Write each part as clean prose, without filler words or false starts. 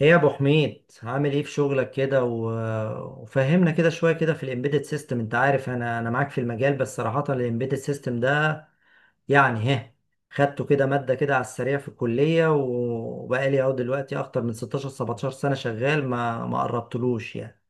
ايه يا ابو حميد، عامل ايه في شغلك كده؟ وفهمنا كده شويه كده في الامبيدد سيستم. انت عارف انا معاك في المجال، بس صراحه الامبيدد سيستم ده يعني خدته كده ماده كده على السريع في الكليه، وبقالي اهو دلوقتي اكتر من 16 17 سنه شغال ما قربتلوش يعني.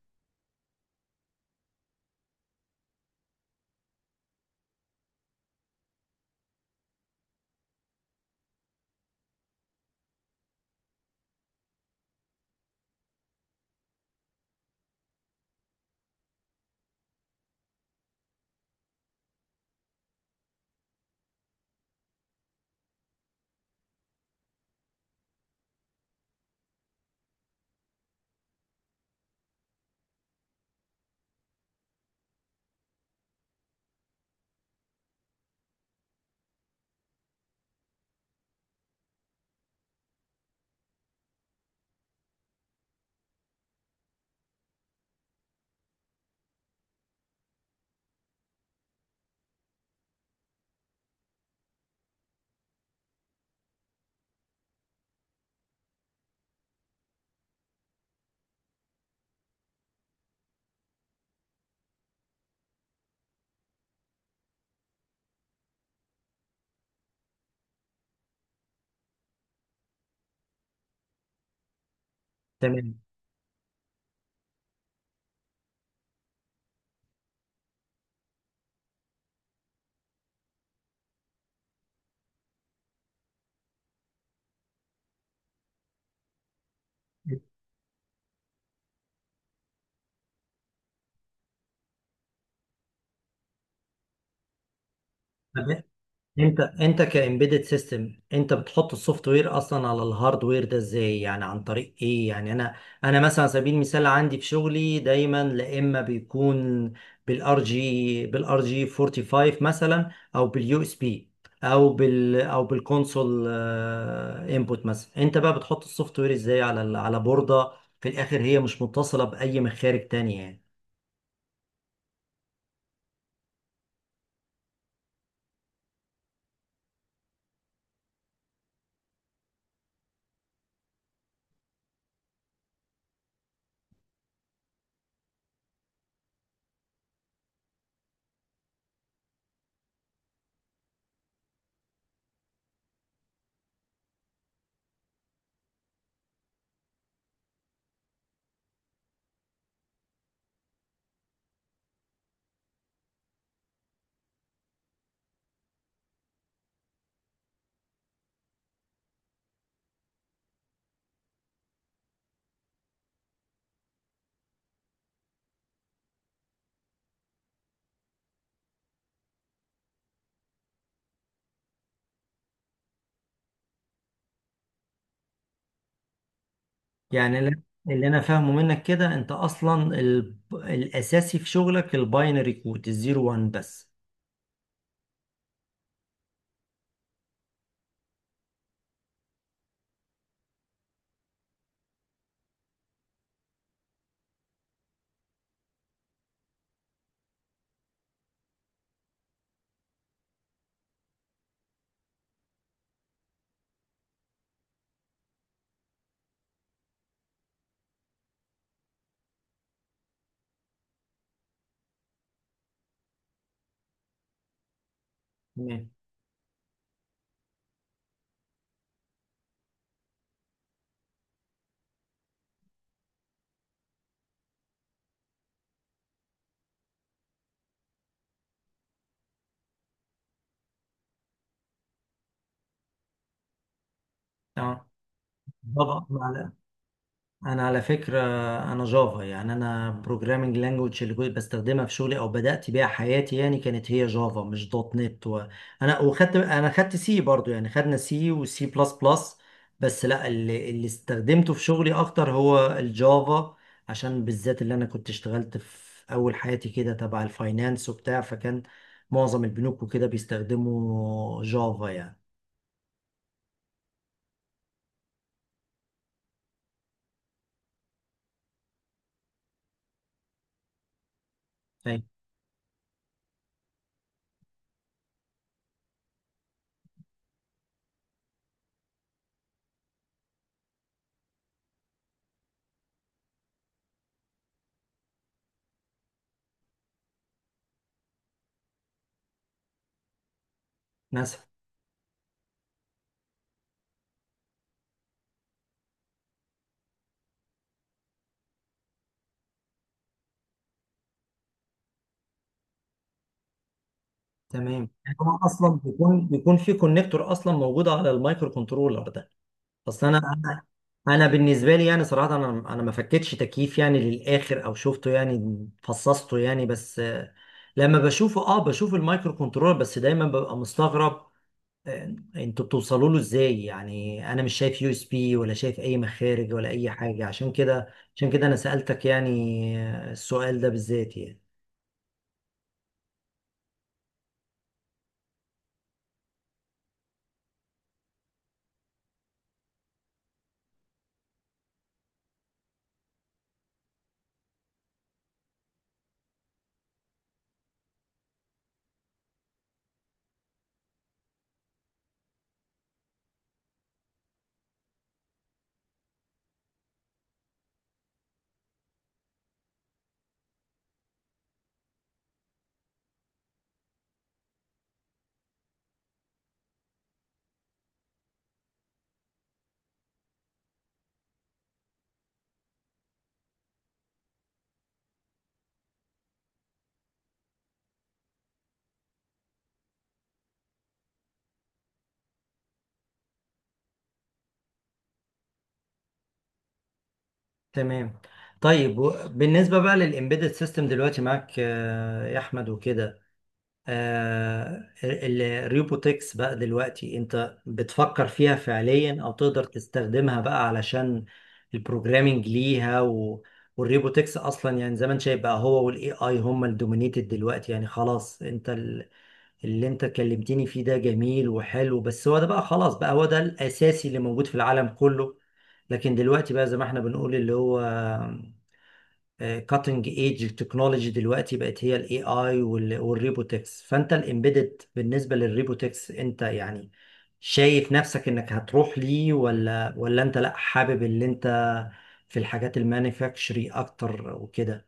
تمام. انت كامبيدد سيستم، انت بتحط السوفت وير اصلا على الهاردوير ده ازاي يعني؟ عن طريق ايه يعني؟ انا مثلا على سبيل المثال عندي في شغلي دايما، لا اما بيكون بالار جي 45 مثلا، او باليو اس بي، او بالكونسول انبوت مثلا. انت بقى بتحط السوفت وير ازاي على على بوردة في الاخر هي مش متصلة باي مخارج تانية يعني؟ يعني اللي انا فاهمه منك كده، انت اصلا الاساسي في شغلك الباينري كود الزيرو وان بس. تمام. اه، بالظبط. انا على فكره، انا جافا يعني، انا بروجرامنج لانجوج اللي كنت بستخدمها في شغلي او بدات بيها حياتي يعني، كانت هي جافا مش دوت نت. انا خدت سي برضو يعني، خدنا سي وسي بلس بلس، بس لا، اللي استخدمته في شغلي اكتر هو الجافا، عشان بالذات اللي انا كنت اشتغلت في اول حياتي كده تبع الفاينانس وبتاع، فكان معظم البنوك وكده بيستخدموا جافا يعني. فاهم؟ ناس. تمام. هو اصلا بيكون في كونكتور اصلا موجود على المايكرو كنترولر ده. اصل انا انا أنا بالنسبه لي يعني صراحه، انا ما فكتش تكييف يعني للاخر او شفته يعني فصصته يعني، بس لما بشوفه، بشوف المايكرو كنترولر بس، دايما ببقى مستغرب. انتوا بتوصلوا له ازاي يعني؟ انا مش شايف يو اس بي، ولا شايف اي مخارج، ولا اي حاجه. عشان كده انا سالتك يعني، السؤال ده بالذات يعني. تمام. طيب، بالنسبة بقى للإمبيدد سيستم دلوقتي معاك يا أحمد وكده، الريبوتكس بقى دلوقتي أنت بتفكر فيها فعليا، أو تقدر تستخدمها بقى علشان البروجرامينج ليها والريبوتكس أصلا، يعني زي ما أنت شايف بقى هو وال AI هم الدومينيتد دلوقتي يعني. خلاص، أنت اللي انت كلمتني فيه ده جميل وحلو، بس هو ده بقى خلاص، بقى هو ده الأساسي اللي موجود في العالم كله. لكن دلوقتي بقى زي ما احنا بنقول، اللي هو كاتنج ايدج تكنولوجي دلوقتي، بقت هي الاي اي والريبوتكس. فانت الامبيدد بالنسبة للريبوتكس انت يعني شايف نفسك انك هتروح ليه، ولا انت لا، حابب اللي انت في الحاجات المانيفاكتشري اكتر وكده؟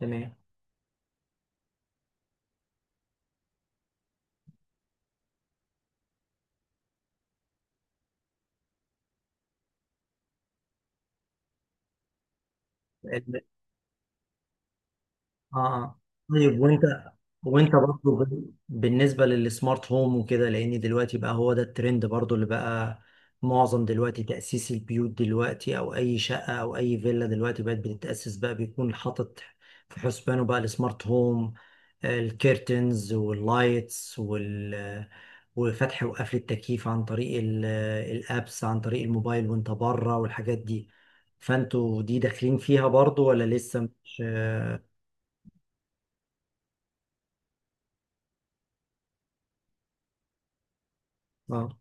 تمام. اه. آه. طيب وانت برضو بالنسبه للسمارت هوم وكده، لان دلوقتي بقى هو ده الترند برضو، اللي بقى معظم دلوقتي تاسيس البيوت دلوقتي، او اي شقه او اي فيلا دلوقتي بقت بتتاسس بقى، بيكون حاطط في حسبانه بقى السمارت هوم، الكيرتنز واللايتس، وفتح وقفل التكييف عن طريق الابس، عن طريق الموبايل وانت بره، والحاجات دي. فانتوا دي داخلين فيها برضو ولا لسه مش اه؟ آه.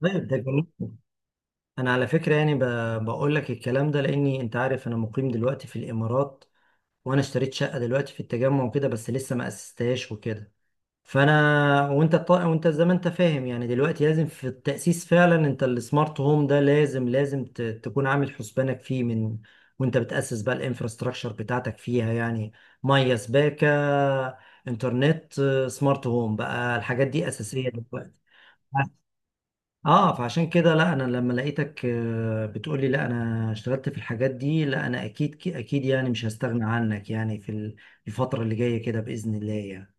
طيب ده جميل. انا على فكره يعني بقول لك الكلام ده، لاني انت عارف انا مقيم دلوقتي في الامارات، وانا اشتريت شقه دلوقتي في التجمع وكده، بس لسه ما اسستهاش وكده. فانا، وانت زي ما انت فاهم يعني، دلوقتي لازم في التاسيس فعلا انت السمارت هوم ده لازم لازم تكون عامل حسبانك فيه من وانت بتاسس بقى الانفراستراكشر بتاعتك فيها يعني. ميه، سباكه، انترنت، سمارت هوم بقى، الحاجات دي اساسيه دلوقتي. اه، فعشان كده لا، انا لما لقيتك بتقولي لا انا اشتغلت في الحاجات دي، لا انا اكيد اكيد يعني مش هستغنى عنك يعني في الفترة اللي جاية كده بإذن الله يعني.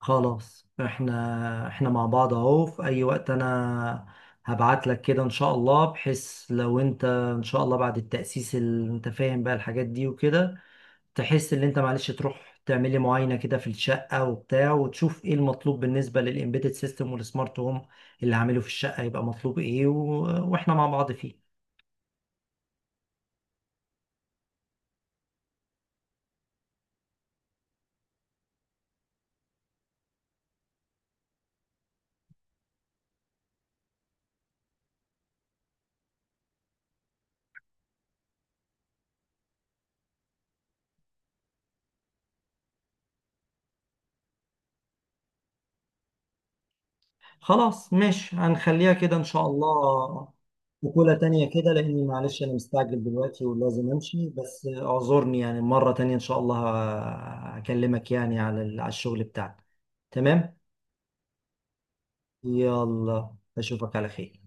خلاص، احنا مع بعض اهو. في اي وقت انا هبعت لك كده ان شاء الله، بحيث لو انت ان شاء الله بعد التأسيس اللي انت فاهم بقى الحاجات دي وكده، تحس ان انت معلش تروح تعملي معاينه كده في الشقه وبتاع، وتشوف ايه المطلوب بالنسبه للامبيدد سيستم والسمارت هوم اللي هعمله في الشقه، يبقى مطلوب ايه واحنا مع بعض فيه. خلاص ماشي، هنخليها كده ان شاء الله وكلة تانية كده، لاني معلش انا مستعجل دلوقتي ولازم امشي، بس اعذرني يعني. مره تانية ان شاء الله هكلمك يعني على على الشغل بتاعنا. تمام. يلا اشوفك على خير.